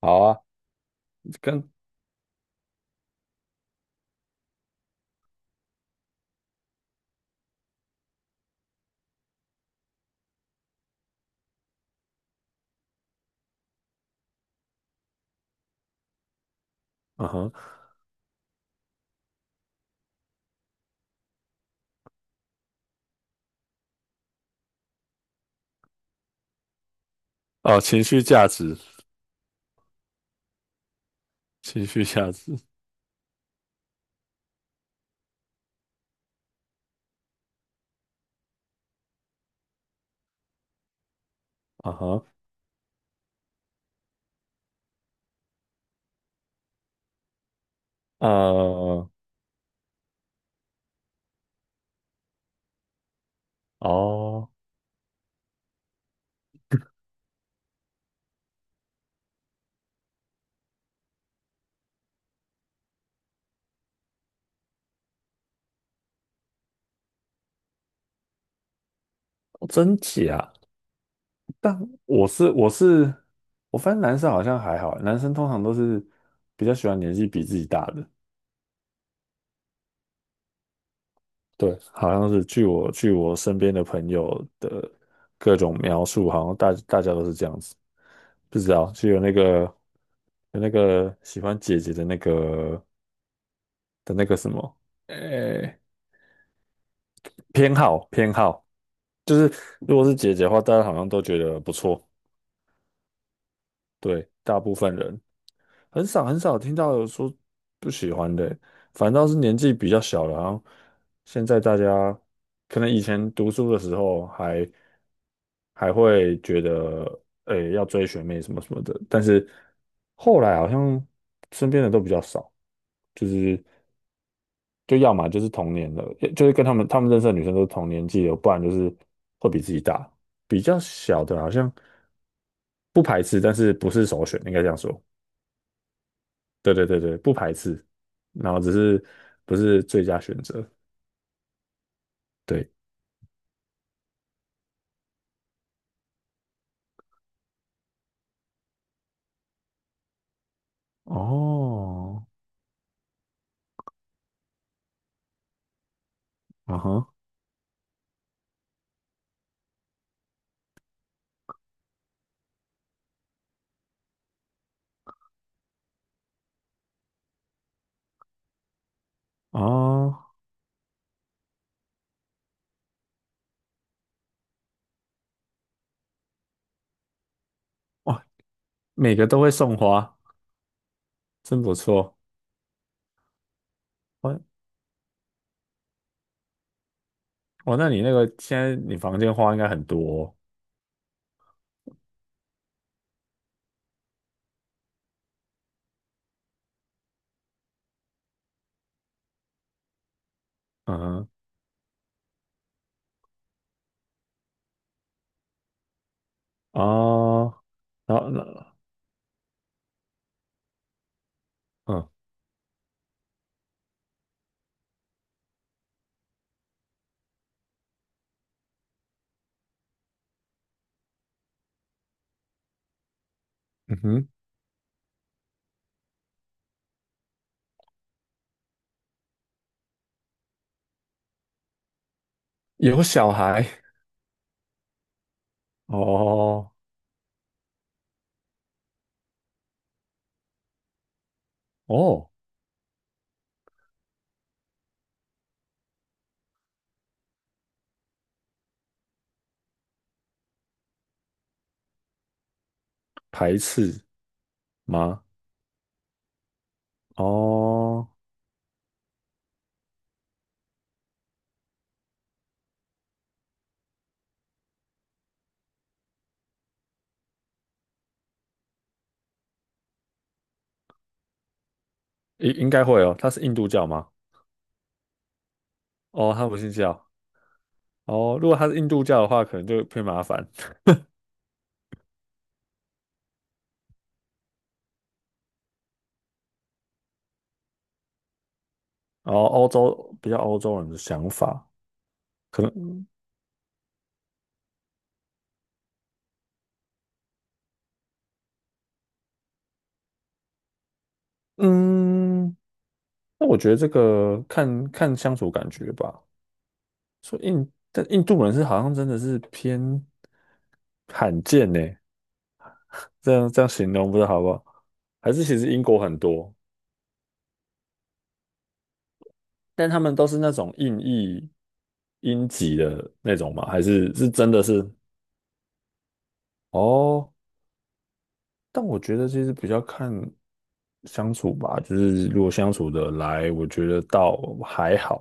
好啊，跟嗯哼，哦，情绪价值，情绪价值，嗯哼，哦，哦真假？但我是，我发现男生好像还好，男生通常都是比较喜欢年纪比自己大的，对，好像是据我身边的朋友的各种描述，好像大大家都是这样子，不知道是有那个有那个喜欢姐姐的那个的那个什么，诶、偏好。如果是姐姐的话，大家好像都觉得不错，对，大部分人很少听到有说不喜欢的，反倒是年纪比较小了，然后现在大家可能以前读书的时候还还会觉得，诶、要追学妹什么什么的，但是后来好像身边的都比较少，就是。就要么就是同年的，就是跟他们认识的女生都是同年纪的，不然就是会比自己大。比较小的好像不排斥，但是不是首选，应该这样说。对对对对，不排斥，然后只是不是最佳选择。对，哦，啊哈，哦，哇，每个都会送花，真不错。哇哇，那你那个现在你房间花应该很多哦嗯哼，哦，然后那嗯嗯哼，有小孩。哦哦，排斥吗？哦，应应该会哦。他是印度教吗？哦，他不信教。哦，如果他是印度教的话，可能就偏麻烦。然后欧洲比较欧洲人的想法，可能嗯，那我觉得这个看看相处感觉吧。说印，但印度人是好像真的是偏罕见呢，这样这样形容不知道好不好？还是其实英国很多，但他们都是那种硬译音级的那种吗？还是是真的是？哦，但我觉得其实比较看相处吧，就是如果相处的来，我觉得倒还好；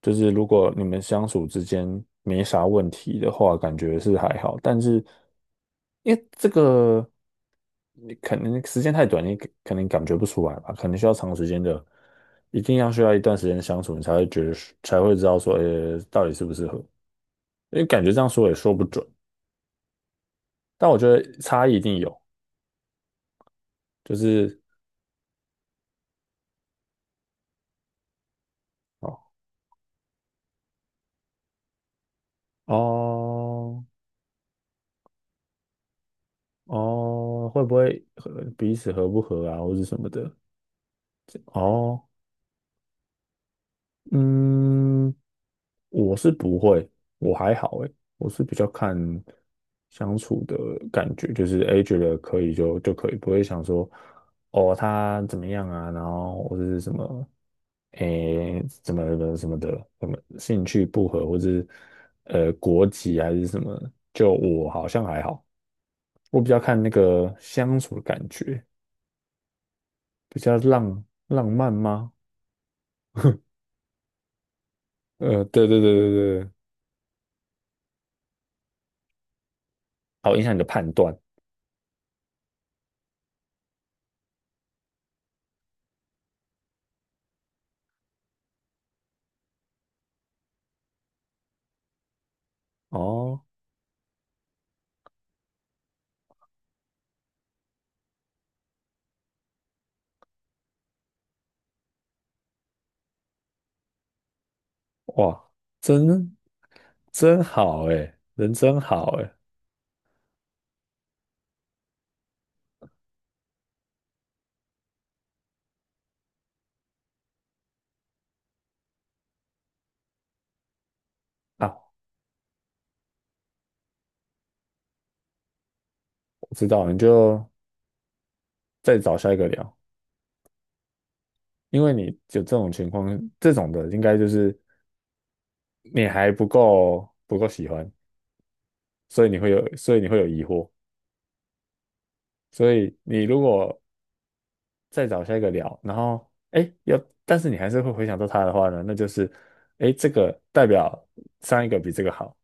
就是如果你们相处之间没啥问题的话，感觉是还好。但是因为这个，你可能时间太短，你可可能感觉不出来吧，可能需要长时间的，一定要需要一段时间相处，你才会觉得是才会知道说，到底适不适合。因为感觉这样说也说不准，但我觉得差异一定有，就是哦哦哦，会不会合彼此合不合啊，或者什么的。哦，嗯，我是不会，我还好诶，我是比较看相处的感觉，就是诶觉得可以就就可以，不会想说哦他怎么样啊，然后或者是什么诶怎么怎么什么的，什么兴趣不合，或者是国籍还是什么，就我好像还好，我比较看那个相处的感觉，比较浪浪漫吗？对对对对对，好影响你的判断哦。哇，真真好诶，人真好诶。啊，我知道，你就再找下一个聊，因为你有这种情况，这种的应该就是你还不够喜欢，所以你会有，所以你会有疑惑，所以你如果再找下一个聊，然后哎，要，但是你还是会回想到他的话呢，那就是哎，这个代表上一个比这个好，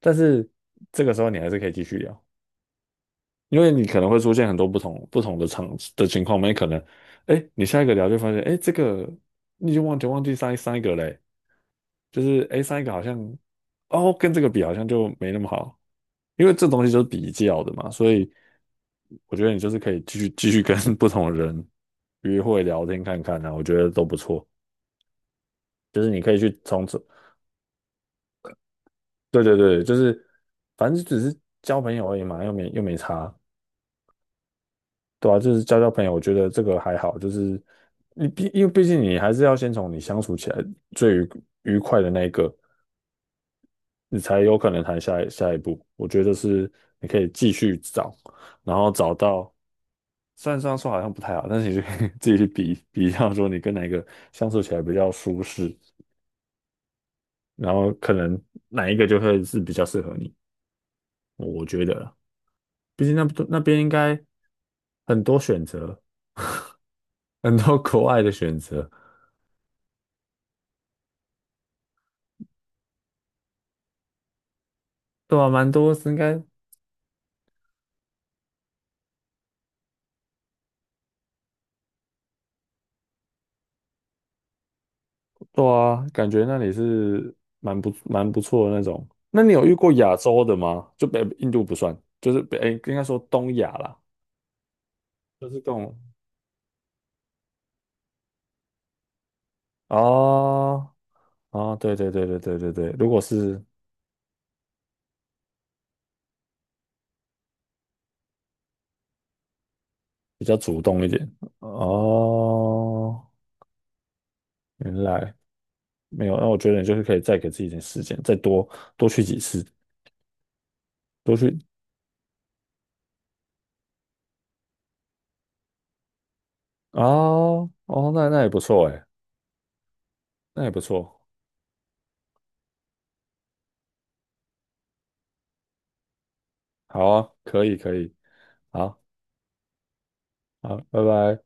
但是这个时候你还是可以继续聊。因为你可能会出现很多不同的场的情况嘛，你可能，哎，你下一个聊就发现，哎，这个你就忘记上一个嘞，就是哎上一个好像，哦，跟这个比好像就没那么好，因为这东西就是比较的嘛，所以我觉得你就是可以继续跟 不同的人约会聊天看看啊，我觉得都不错，就是你可以去从此，对对对，就是反正只是交朋友而已嘛，又没差，对啊，就是交交朋友，我觉得这个还好，就是你毕，因为毕竟你还是要先从你相处起来最愉愉快的那一个，你才有可能谈下一步。我觉得是你可以继续找，然后找到，虽然这样说好像不太好，但是你就可以 自己去比比较，说你跟哪一个相处起来比较舒适，然后可能哪一个就会是比较适合你，我觉得啦。毕竟那那边应该很多选择，很多国外的选择。对啊，蛮多是应该对啊，感觉那里是蛮不蛮不错的那种。那你有遇过亚洲的吗？就北印度不算，就是北，诶应该说东亚啦，就是这种哦哦，对对对对对对对，如果是比较主动一点，哦，原来没有，那我觉得你就是可以再给自己一点时间，再多多去几次，多去哦哦，那那也不错哎，那也不错，好啊，可以可以，好好，拜拜。